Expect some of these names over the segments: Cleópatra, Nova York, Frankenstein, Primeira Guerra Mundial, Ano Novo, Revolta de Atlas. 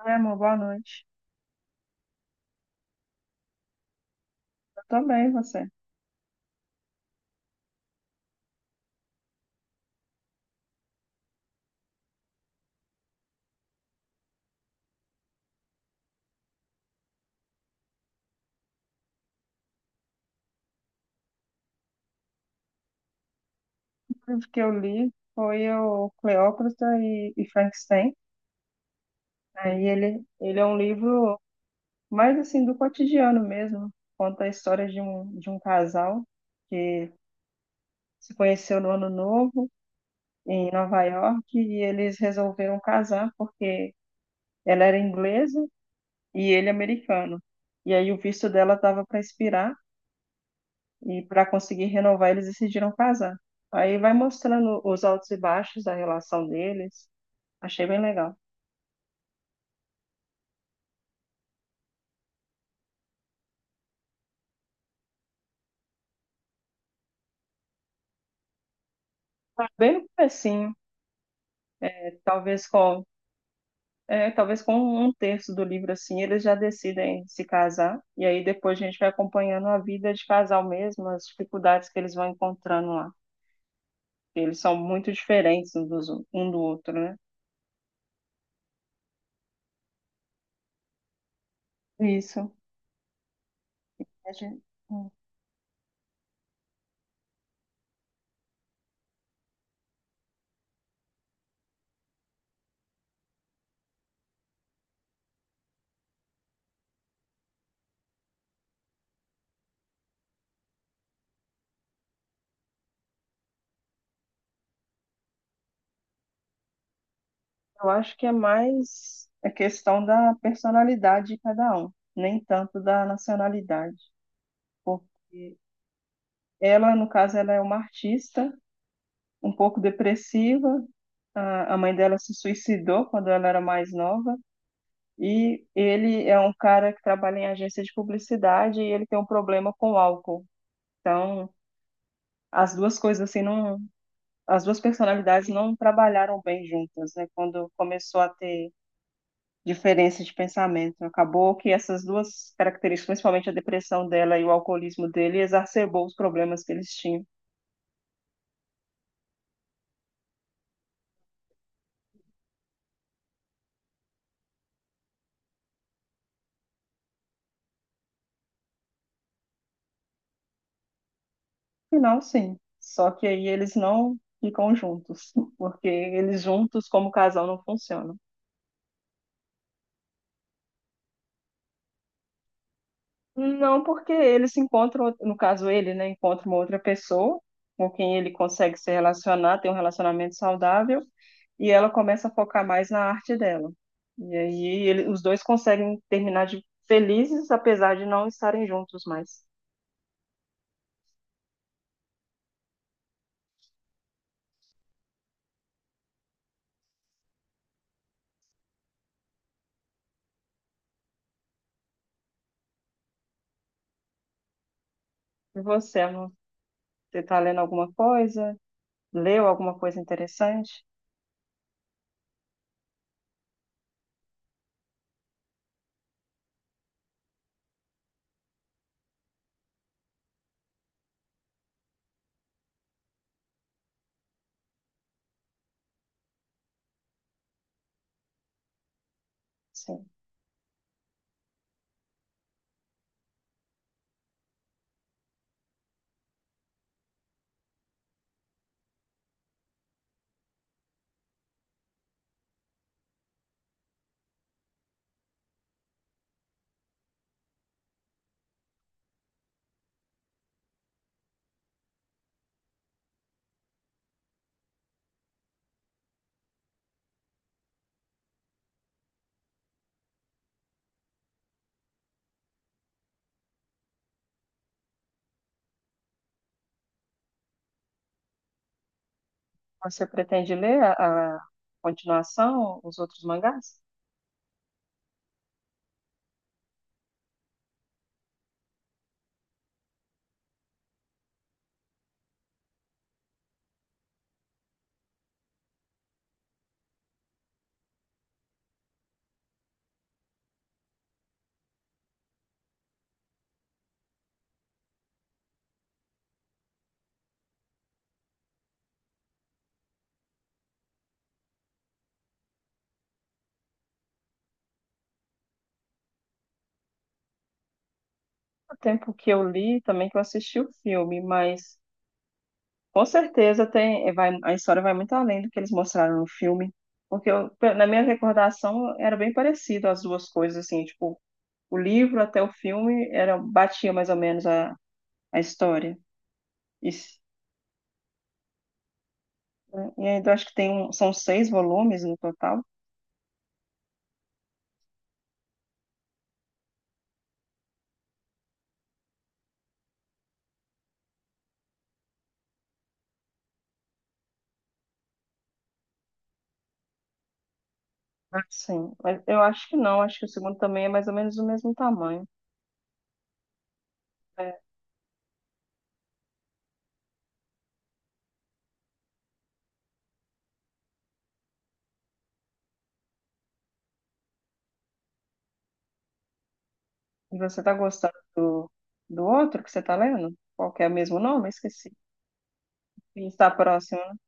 Oi, amor, boa noite. Eu também, você. O livro que eu li foi o Cleópatra e Frankenstein. Aí ele é um livro mais assim do cotidiano mesmo. Conta a história de um casal que se conheceu no Ano Novo em Nova York e eles resolveram casar porque ela era inglesa e ele americano. E aí o visto dela estava para expirar. E para conseguir renovar, eles decidiram casar. Aí vai mostrando os altos e baixos da relação deles. Achei bem legal. Bem no comecinho, talvez com, talvez com um terço do livro assim, eles já decidem se casar. E aí depois a gente vai acompanhando a vida de casal mesmo, as dificuldades que eles vão encontrando lá. Eles são muito diferentes um do outro, né? Isso. A gente- Eu acho que é mais a questão da personalidade de cada um, nem tanto da nacionalidade, porque ela, no caso, ela é uma artista, um pouco depressiva, a mãe dela se suicidou quando ela era mais nova, e ele é um cara que trabalha em agência de publicidade e ele tem um problema com álcool. Então, as duas coisas assim não, as duas personalidades não trabalharam bem juntas, né? Quando começou a ter diferença de pensamento. Acabou que essas duas características, principalmente a depressão dela e o alcoolismo dele, exacerbou os problemas que eles tinham. Final, sim. Só que aí eles não ficam juntos, porque eles juntos como casal não funcionam. Não, porque eles se encontram, no caso ele, né, encontra uma outra pessoa com quem ele consegue se relacionar, ter um relacionamento saudável, e ela começa a focar mais na arte dela. E aí os dois conseguem terminar de felizes, apesar de não estarem juntos mais. E você, amor? Você está lendo alguma coisa? Leu alguma coisa interessante? Sim. Você pretende ler a continuação, os outros mangás? O tempo que eu li, também que eu assisti o filme, mas com certeza tem, vai, a história vai muito além do que eles mostraram no filme, porque na minha recordação era bem parecido as duas coisas, assim, tipo, o livro até o filme era batia mais ou menos a história. E, s- né, e ainda acho que tem um, são seis volumes no total. Ah, sim, mas eu acho que não, acho que o segundo também é mais ou menos do mesmo tamanho. É, e você tá gostando do outro que você tá lendo? Qual que é o mesmo nome? Esqueci. E está próximo, né?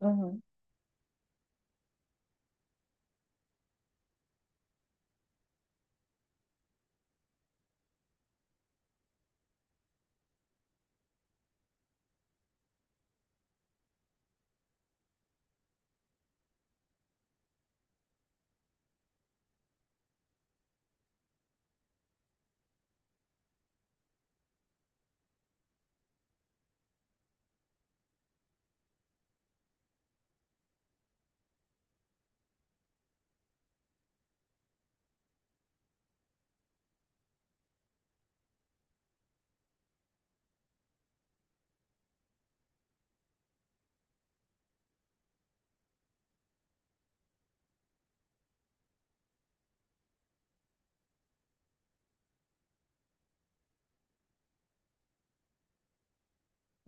Uhum.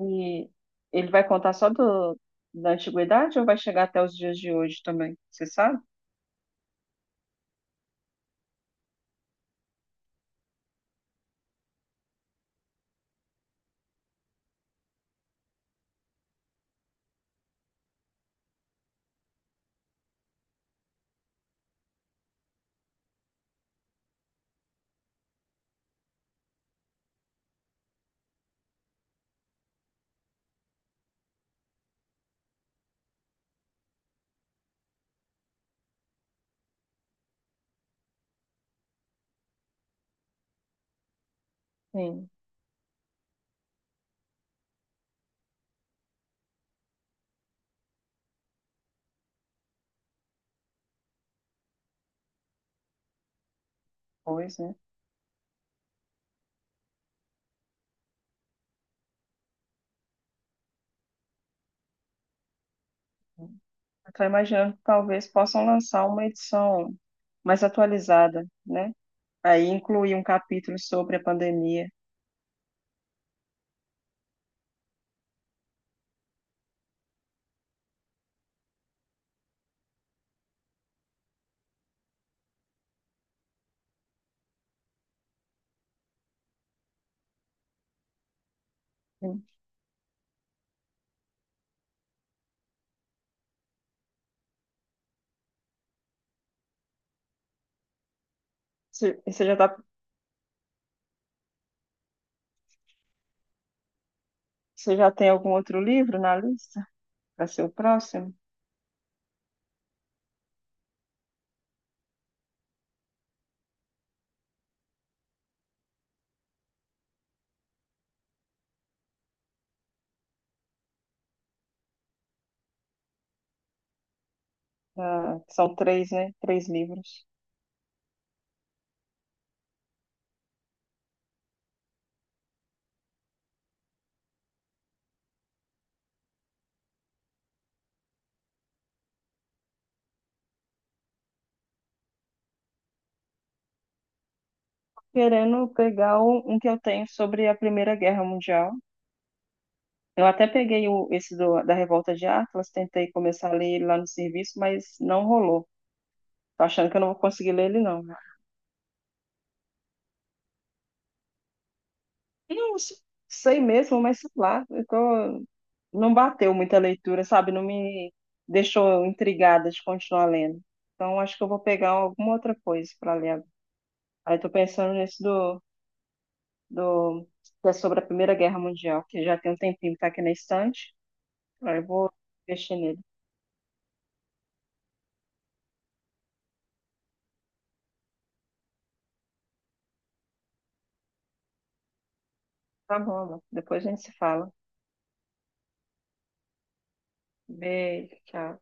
E ele vai contar só da antiguidade ou vai chegar até os dias de hoje também? Você sabe? Sim. Pois, né? Eu estou imaginando que talvez possam lançar uma edição mais atualizada, né? Aí incluir um capítulo sobre a pandemia. Sim. Você você já tá, você já tem algum outro livro na lista para ser o próximo? Ah, são três, né? Três livros. Querendo pegar um que eu tenho sobre a Primeira Guerra Mundial. Eu até peguei da Revolta de Atlas, tentei começar a ler ele lá no serviço, mas não rolou. Tô achando que eu não vou conseguir ler ele, não. Não sei mesmo, mas sei lá, não bateu muita leitura, sabe? Não me deixou intrigada de continuar lendo. Então, acho que eu vou pegar alguma outra coisa para ler. Aí tô pensando nesse do, que é sobre a Primeira Guerra Mundial, que já tem um tempinho que tá aqui na estante. Aí eu vou mexer nele. Tá bom, amor. Depois a gente se fala. Beijo, tchau.